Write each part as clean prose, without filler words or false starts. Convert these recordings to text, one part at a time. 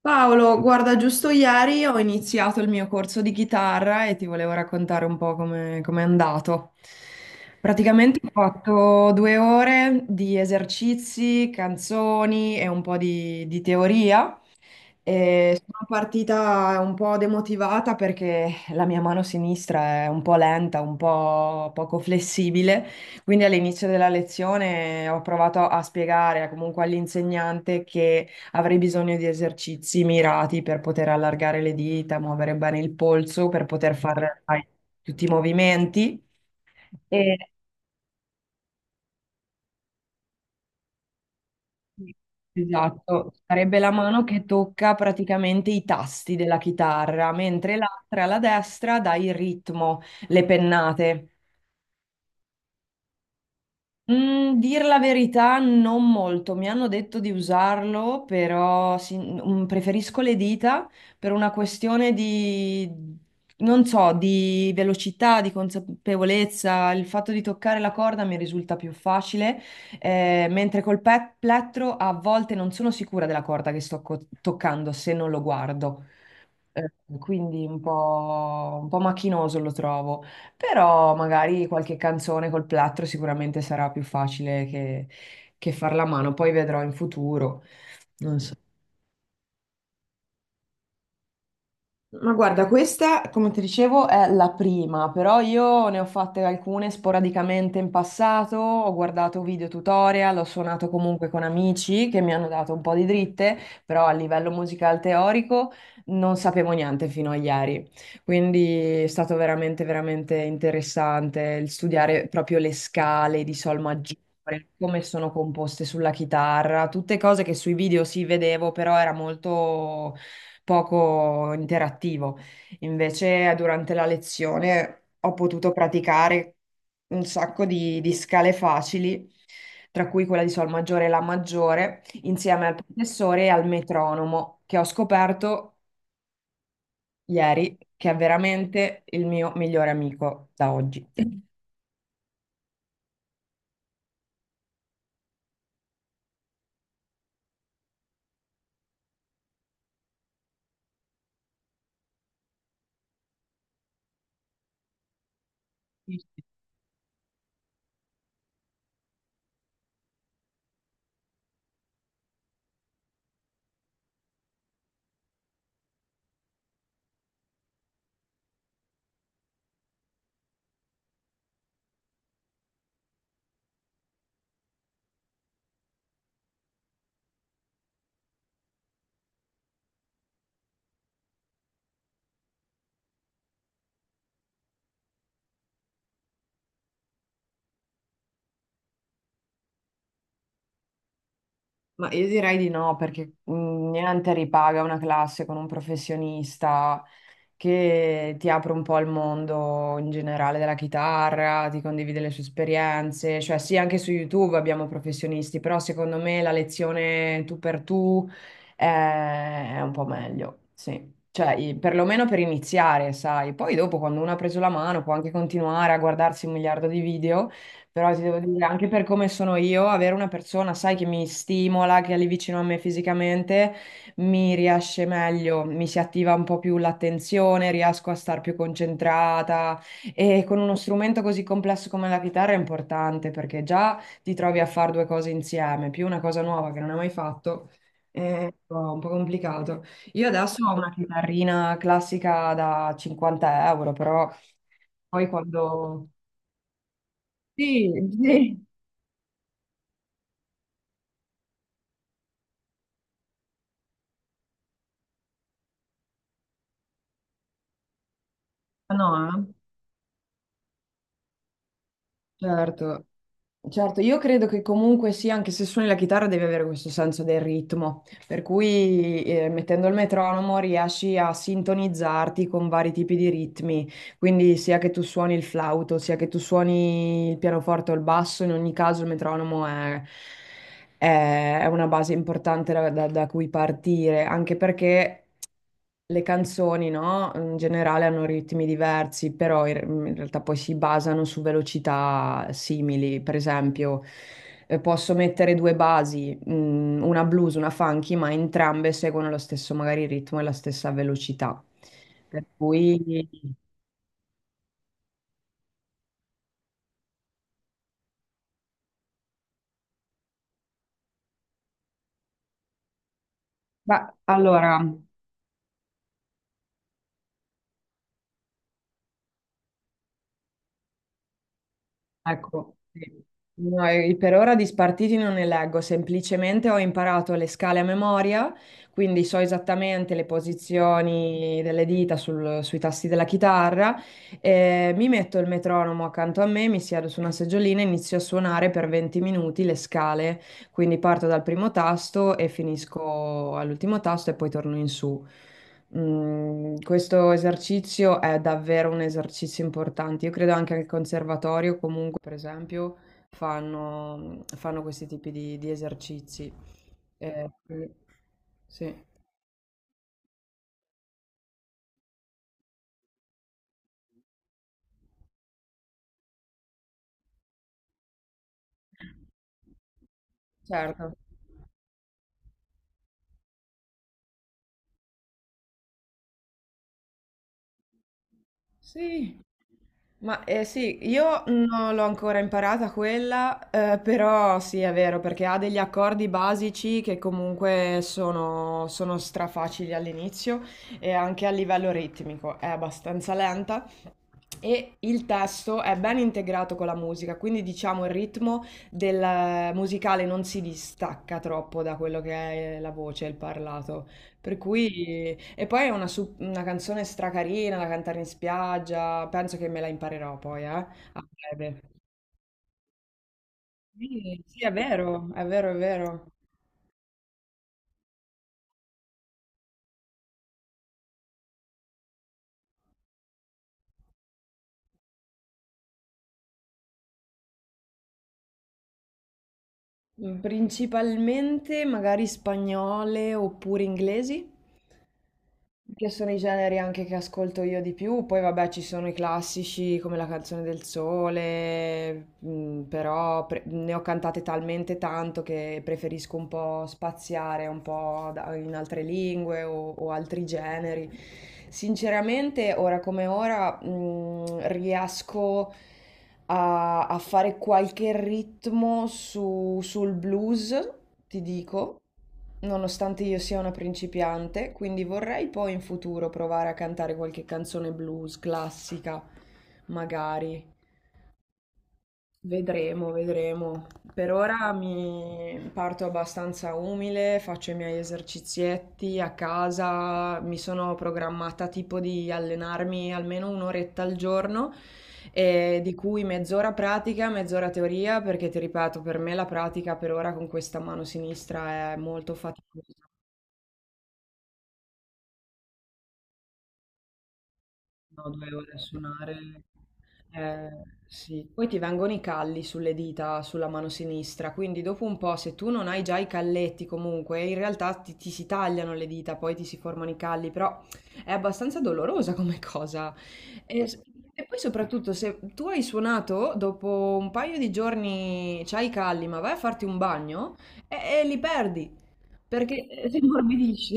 Paolo, guarda, giusto ieri ho iniziato il mio corso di chitarra e ti volevo raccontare un po' come è andato. Praticamente ho fatto due ore di esercizi, canzoni e un po' di teoria e sono partita un po' demotivata perché la mia mano sinistra è un po' lenta, un po' poco flessibile, quindi all'inizio della lezione ho provato a spiegare comunque all'insegnante che avrei bisogno di esercizi mirati per poter allargare le dita, muovere bene il polso, per poter fare tutti i movimenti. Esatto, sarebbe la mano che tocca praticamente i tasti della chitarra, mentre l'altra, la destra, dà il ritmo, le pennate. Mm, dir la verità, non molto. Mi hanno detto di usarlo, però preferisco le dita per una questione non so, di velocità, di consapevolezza. Il fatto di toccare la corda mi risulta più facile, mentre plettro a volte non sono sicura della corda che sto toccando se non lo guardo. Eh, Quindi un po' macchinoso lo trovo, però magari qualche canzone col plattro sicuramente sarà più facile che farla a mano, poi vedrò in futuro. Non so. Ma guarda, questa, come ti dicevo, è la prima, però io ne ho fatte alcune sporadicamente in passato, ho guardato video tutorial, ho suonato comunque con amici che mi hanno dato un po' di dritte, però a livello musicale teorico non sapevo niente fino a ieri. Quindi è stato veramente, veramente interessante il studiare proprio le scale di sol maggiore. Come sono composte sulla chitarra, tutte cose che sui video si vedevo, però era molto poco interattivo. Invece durante la lezione ho potuto praticare un sacco di scale facili, tra cui quella di Sol maggiore e La maggiore, insieme al professore e al metronomo, che ho scoperto ieri che è veramente il mio migliore amico da oggi. Ma io direi di no, perché niente ripaga una classe con un professionista che ti apre un po' al mondo in generale della chitarra, ti condivide le sue esperienze, cioè sì, anche su YouTube abbiamo professionisti, però secondo me la lezione tu per tu è, è un po' meglio, sì. Cioè, perlomeno per iniziare, sai. Poi dopo, quando uno ha preso la mano, può anche continuare a guardarsi un miliardo di video, però ti devo dire, anche per come sono io, avere una persona, sai, che mi stimola, che è lì vicino a me fisicamente, mi riesce meglio, mi si attiva un po' più l'attenzione, riesco a star più concentrata e con uno strumento così complesso come la chitarra è importante perché già ti trovi a fare due cose insieme, più una cosa nuova che non hai mai fatto. È un po' complicato. Io adesso ho una chitarrina classica da 50 euro, però poi quando... Sì, sì. Ah, no, eh? Certo. Certo, io credo che comunque sì, anche se suoni la chitarra devi avere questo senso del ritmo, per cui mettendo il metronomo riesci a sintonizzarti con vari tipi di ritmi, quindi sia che tu suoni il flauto, sia che tu suoni il pianoforte o il basso, in ogni caso il metronomo è una base importante da cui partire, anche perché le canzoni, no? In generale hanno ritmi diversi, però in realtà poi si basano su velocità simili. Per esempio, posso mettere due basi, una blues, una funky, ma entrambe seguono lo stesso magari ritmo e la stessa velocità. Per cui, beh, allora. Ecco, sì. No, e per ora di spartiti non ne leggo, semplicemente ho imparato le scale a memoria, quindi so esattamente le posizioni delle dita sui tasti della chitarra, e mi metto il metronomo accanto a me, mi siedo su una seggiolina e inizio a suonare per 20 minuti le scale, quindi parto dal primo tasto e finisco all'ultimo tasto e poi torno in su. Mm, questo esercizio è davvero un esercizio importante. Io credo anche al conservatorio, comunque, per esempio, fanno questi tipi di esercizi. Eh, quindi- sì, certo. Sì. Ma sì, io non l'ho ancora imparata quella, però sì, è vero, perché ha degli accordi basici che comunque sono strafacili all'inizio e anche a livello ritmico è abbastanza lenta. E il testo è ben integrato con la musica, quindi diciamo il ritmo del musicale non si distacca troppo da quello che è la voce, il parlato. Per cui... E poi è una canzone stracarina da cantare in spiaggia, penso che me la imparerò poi, a breve. Sì, sì, è vero, è vero, è vero. Mm, principalmente magari spagnole oppure inglesi, che sono i generi anche che ascolto io di più. Poi vabbè ci sono i classici come La canzone del sole, mm, però ne ho cantate talmente tanto che preferisco un po' spaziare un po' in altre lingue o altri generi. Sinceramente, ora come ora, mm, riesco a fare qualche ritmo sul blues, ti dico, nonostante io sia una principiante, quindi vorrei poi in futuro provare a cantare qualche canzone blues classica, magari. Vedremo, vedremo. Per ora mi parto abbastanza umile, faccio i miei esercizietti a casa, mi sono programmata tipo di allenarmi almeno un'oretta al giorno, di cui mezz'ora pratica, mezz'ora teoria, perché ti ripeto, per me la pratica per ora con questa mano sinistra è molto faticosa. No, due ore a suonare. Eh, sì, poi ti vengono i calli sulle dita, sulla mano sinistra, quindi dopo un po', se tu non hai già i calletti comunque, in realtà ti si tagliano le dita, poi ti si formano i calli, però è abbastanza dolorosa come cosa. E, s- e poi soprattutto se tu hai suonato, dopo un paio di giorni c'hai i calli, ma vai a farti un bagno e li perdi, perché si morbidisce.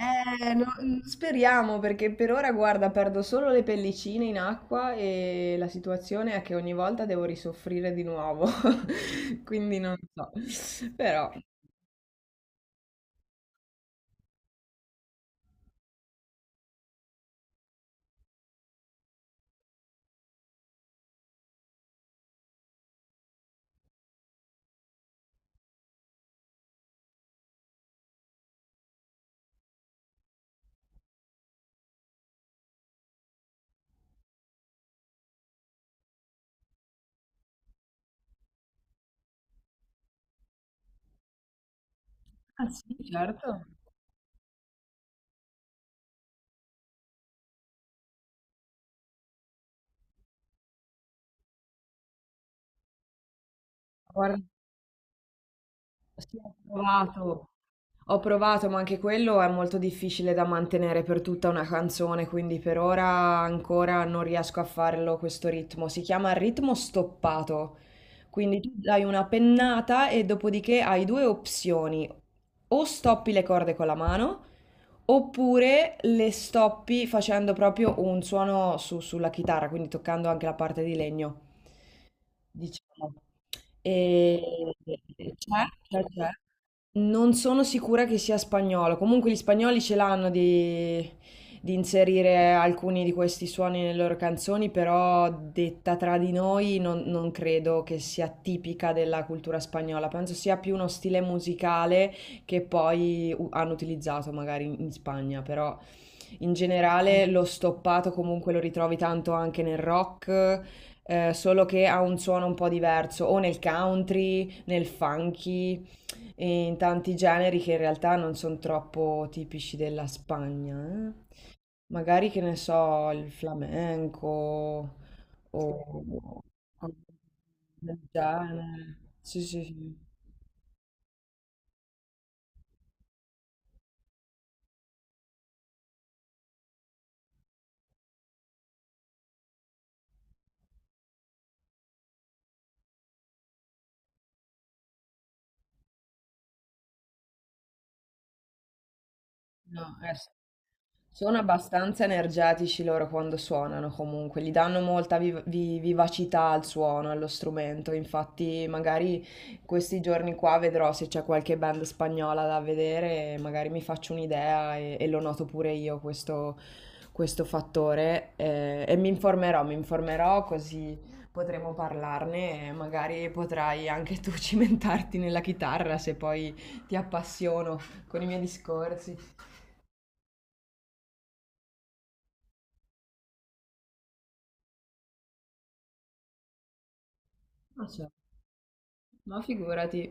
Mm, speriamo perché per ora, guarda, perdo solo le pellicine in acqua e la situazione è che ogni volta devo risoffrire di nuovo. Quindi non so. Però. Ah sì, certo. Guarda, si è provato. Ho provato, ma anche quello è molto difficile da mantenere per tutta una canzone, quindi per ora ancora non riesco a farlo questo ritmo. Si chiama ritmo stoppato. Quindi tu dai una pennata e dopodiché hai due opzioni. O stoppi le corde con la mano, oppure le stoppi facendo proprio un suono sulla chitarra, quindi toccando anche la parte di legno diciamo. E c'è. Non sono sicura che sia spagnolo. Comunque gli spagnoli ce l'hanno di inserire alcuni di questi suoni nelle loro canzoni, però detta tra di noi non credo che sia tipica della cultura spagnola. Penso sia più uno stile musicale che poi hanno utilizzato magari in Spagna, però in generale lo stoppato comunque lo ritrovi tanto anche nel rock, solo che ha un suono un po' diverso, o nel country, nel funky, e in tanti generi che in realtà non sono troppo tipici della Spagna. Magari che ne so, il flamenco o del genere. Sì, sì, sì. No, sono abbastanza energetici loro quando suonano comunque, gli danno molta vivacità al suono, allo strumento, infatti magari questi giorni qua vedrò se c'è qualche band spagnola da vedere, magari mi faccio un'idea e lo noto pure io questo, questo fattore, e mi informerò così potremo parlarne e magari potrai anche tu cimentarti nella chitarra se poi ti appassiono con i miei discorsi. Non so, ma figurati.